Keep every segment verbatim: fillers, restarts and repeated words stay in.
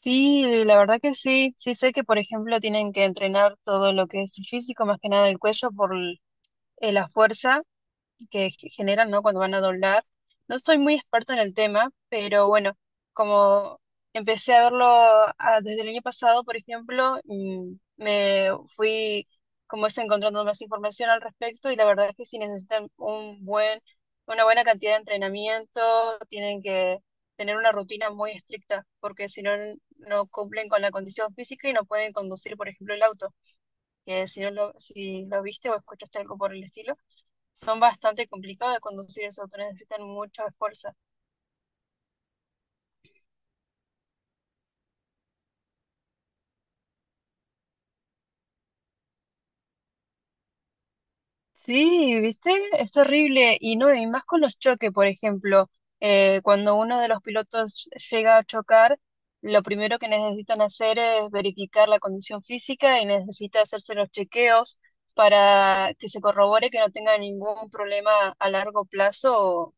Sí, eh, la verdad que sí. Sí sé que, por ejemplo, tienen que entrenar todo lo que es el físico, más que nada el cuello por l- eh, la fuerza que ge- generan, ¿no? Cuando van a doblar. No soy muy experta en el tema, pero bueno, como empecé a verlo ah, desde el año pasado, por ejemplo, mm, me fui como es encontrando más información al respecto y la verdad es que si necesitan un buen, una buena cantidad de entrenamiento, tienen que tener una rutina muy estricta, porque si no, no cumplen con la condición física y no pueden conducir, por ejemplo, el auto, que si no lo, si lo viste o escuchaste algo por el estilo son bastante complicadas de conducir, sobre todo necesitan mucho esfuerzo. Sí, ¿viste? Es terrible. Y no, y más con los choques, por ejemplo, eh, cuando uno de los pilotos llega a chocar, lo primero que necesitan hacer es verificar la condición física y necesita hacerse los chequeos para que se corrobore que no tenga ningún problema a largo plazo o,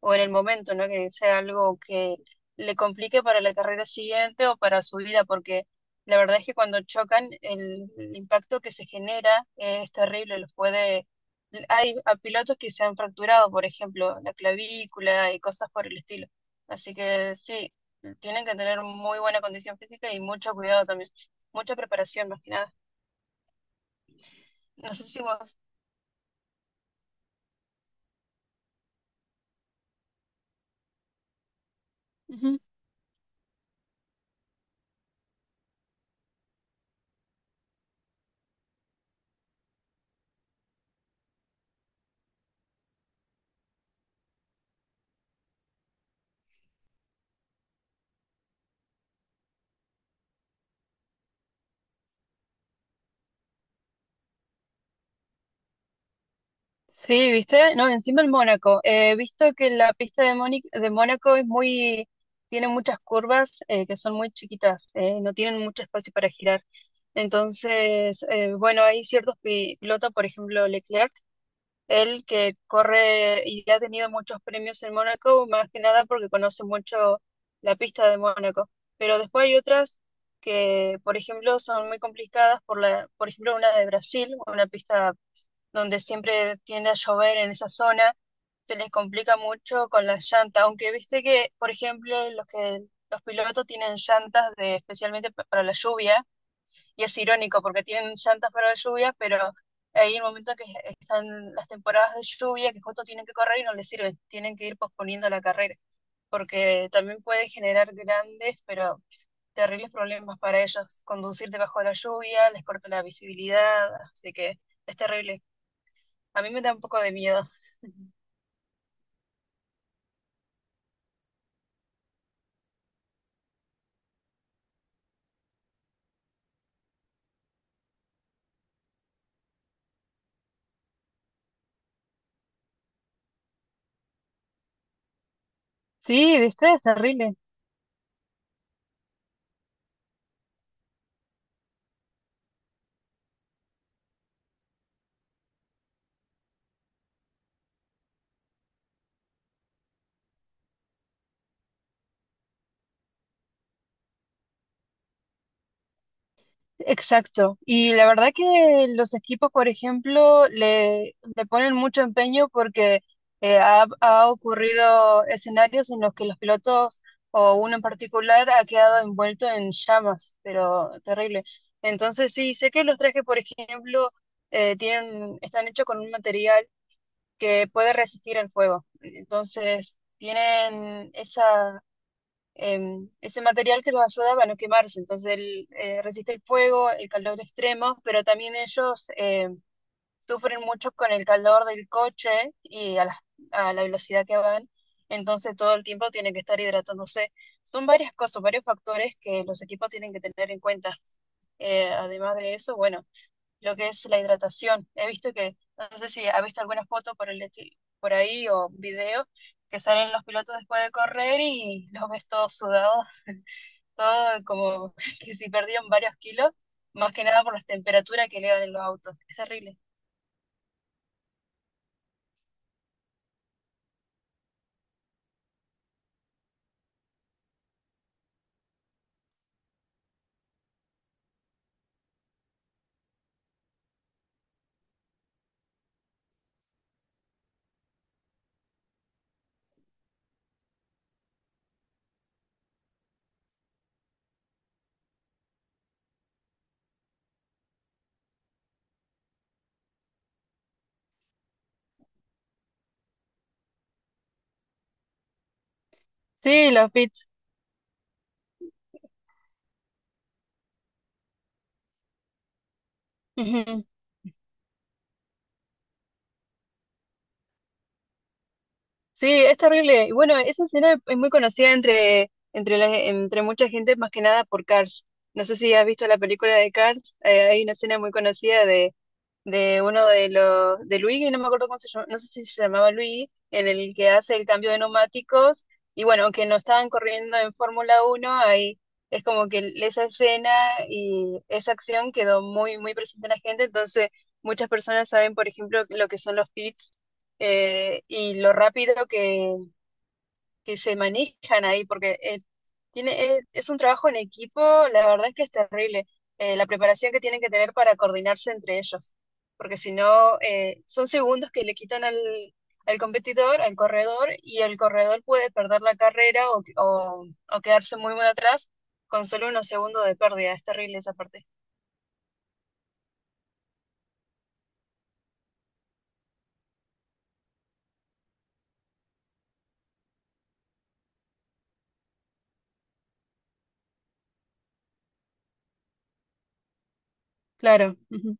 o en el momento, ¿no? Que sea algo que le complique para la carrera siguiente o para su vida, porque la verdad es que cuando chocan, el el impacto que se genera es terrible, los puede hay a pilotos que se han fracturado, por ejemplo, la clavícula y cosas por el estilo. Así que sí, tienen que tener muy buena condición física y mucho cuidado también, mucha preparación más que nada. No sé si vos... Ujú. Sí, ¿viste? No, encima el Mónaco. He visto que la pista de, Móni- de Mónaco es muy... tiene muchas curvas eh, que son muy chiquitas, eh, no tienen mucho espacio para girar. Entonces, eh, bueno, hay ciertos pi- pilotos, por ejemplo, Leclerc, él que corre y ha tenido muchos premios en Mónaco, más que nada porque conoce mucho la pista de Mónaco. Pero después hay otras que, por ejemplo, son muy complicadas por la, por ejemplo, una de Brasil, una pista donde siempre tiende a llover en esa zona, se les complica mucho con las llantas, aunque viste que, por ejemplo, los que los pilotos tienen llantas de especialmente pa- para la lluvia y es irónico porque tienen llantas para la lluvia, pero hay un momento que están las temporadas de lluvia que justo tienen que correr y no les sirve, tienen que ir posponiendo la carrera, porque también puede generar grandes, pero terribles problemas para ellos. Conducir debajo de la lluvia les corta la visibilidad, así que es terrible. A mí me da un poco de miedo. Sí, viste, es terrible. Exacto. Y la verdad que los equipos, por ejemplo, le, le ponen mucho empeño porque eh, ha, ha ocurrido escenarios en los que los pilotos o uno en particular ha quedado envuelto en llamas, pero terrible. Entonces sí, sé que los trajes, por ejemplo, eh, tienen, están hechos con un material que puede resistir al fuego. Entonces tienen esa, em, ese material que los ayudaba a no quemarse. Entonces, él eh, resiste el fuego, el calor extremo, pero también ellos eh, sufren mucho con el calor del coche y a la, a la velocidad que van. Entonces, todo el tiempo tienen que estar hidratándose. Son varias cosas, varios factores que los equipos tienen que tener en cuenta. Eh, además de eso, bueno, lo que es la hidratación. He visto que, no sé si ha visto alguna foto por el, esti- por ahí o video que salen los pilotos después de correr y los ves todos sudados todo como que si perdieron varios kilos, más que nada por las temperaturas que elevan en los autos. Es terrible. Sí, los pits. Ujú. Sí, es terrible. Y bueno, esa escena es muy conocida entre, entre, la- entre mucha gente, más que nada por Cars. No sé si has visto la película de Cars, eh, hay una escena muy conocida de uno de los de Luigi, no me acuerdo cómo se llama, no sé si se llamaba Luigi, en el que hace el cambio de neumáticos, y bueno, aunque no estaban corriendo en Fórmula Uno ahí, es como que esa escena y esa acción quedó muy, muy presente en la gente, entonces muchas personas saben, por ejemplo, lo que son los pits, eh, y lo rápido que que se manejan ahí, porque eh, tiene, es, es un trabajo en equipo, la verdad es que es terrible, eh, la preparación que tienen que tener para coordinarse entre ellos, porque si no, eh, son segundos que le quitan al, al competidor, al corredor, y el corredor puede perder la carrera o, o, o quedarse muy muy atrás con solo unos segundos de pérdida, es terrible esa parte. Claro. Ujú.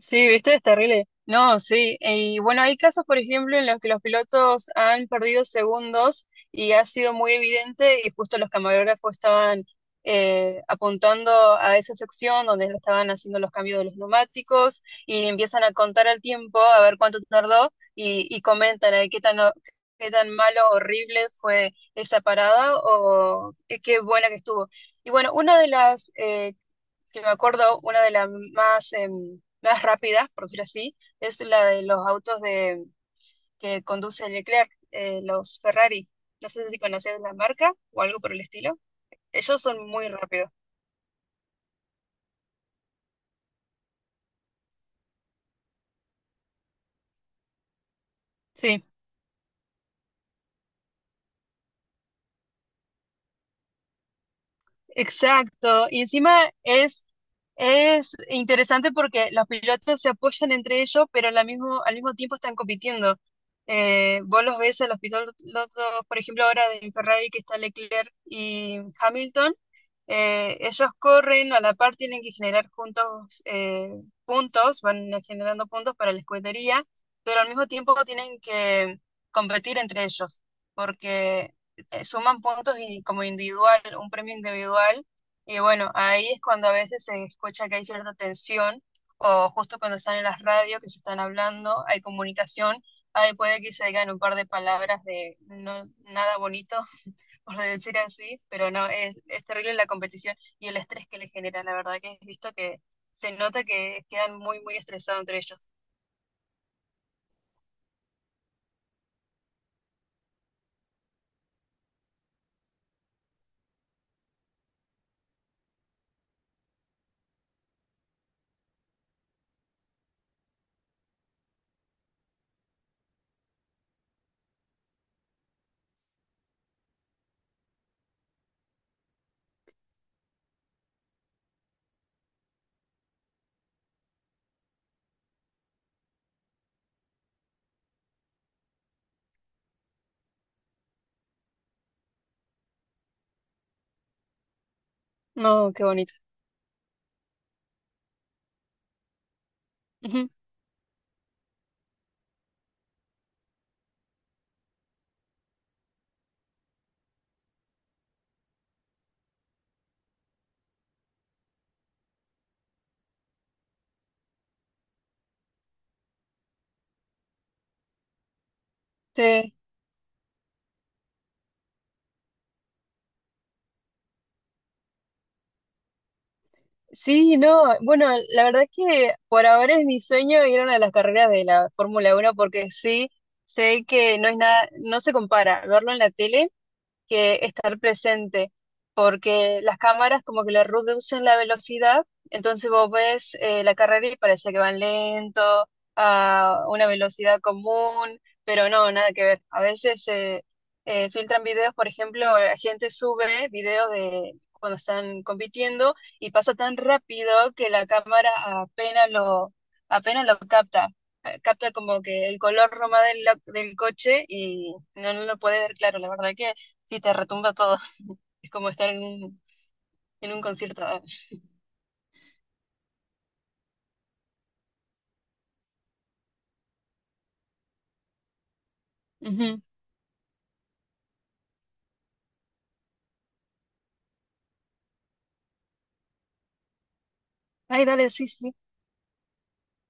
Sí, viste, es terrible. No, sí. Y bueno, hay casos, por ejemplo, en los que los pilotos han perdido segundos y ha sido muy evidente y justo los camarógrafos estaban eh, apuntando a esa sección donde estaban haciendo los cambios de los neumáticos y empiezan a contar el tiempo, a ver cuánto tardó y, y comentan ahí qué tan, o- qué tan malo, horrible fue esa parada o eh, qué buena que estuvo. Y bueno, una de las eh, que me acuerdo, una de las más, em, más rápidas, por decirlo así, es la de los autos de, que conduce Leclerc, eh, los Ferrari. No sé si conoces la marca o algo por el estilo. Ellos son muy rápidos. Sí. Exacto, y encima es, es interesante porque los pilotos se apoyan entre ellos, pero al mismo, al mismo tiempo están compitiendo. Eh, vos los ves a los pilotos, por ejemplo, ahora de Ferrari que está Leclerc y Hamilton, eh, ellos corren, a la par tienen que generar juntos eh, puntos, van generando puntos para la escudería, pero al mismo tiempo tienen que competir entre ellos, porque eh, suman puntos y como individual, un premio individual. Y bueno, ahí es cuando a veces se escucha que hay cierta tensión o justo cuando están en las radios que se están hablando, hay comunicación, ahí puede que se digan un par de palabras de no, nada bonito, por decir así, pero no, es, es terrible la competición y el estrés que le genera, la verdad que he visto que se nota que quedan muy, muy estresados entre ellos. No, qué bonito. Ujú. Sí. Sí, no, bueno, la verdad es que por ahora es mi sueño ir a una de las carreras de la Fórmula Uno, porque sí sé que no es nada, no se compara verlo en la tele que estar presente, porque las cámaras como que le reducen la velocidad, entonces vos ves eh, la carrera y parece que van lento, a una velocidad común, pero no, nada que ver. A veces eh, eh, filtran videos, por ejemplo, la gente sube videos de cuando están compitiendo y pasa tan rápido que la cámara apenas lo, apenas lo capta, eh, capta como que el color roma del, lo- del coche y no, no lo puede ver claro. La verdad que sí, te retumba todo. Es como estar en un, en un concierto. Ah, ujú. Ay, dale, sí, sí.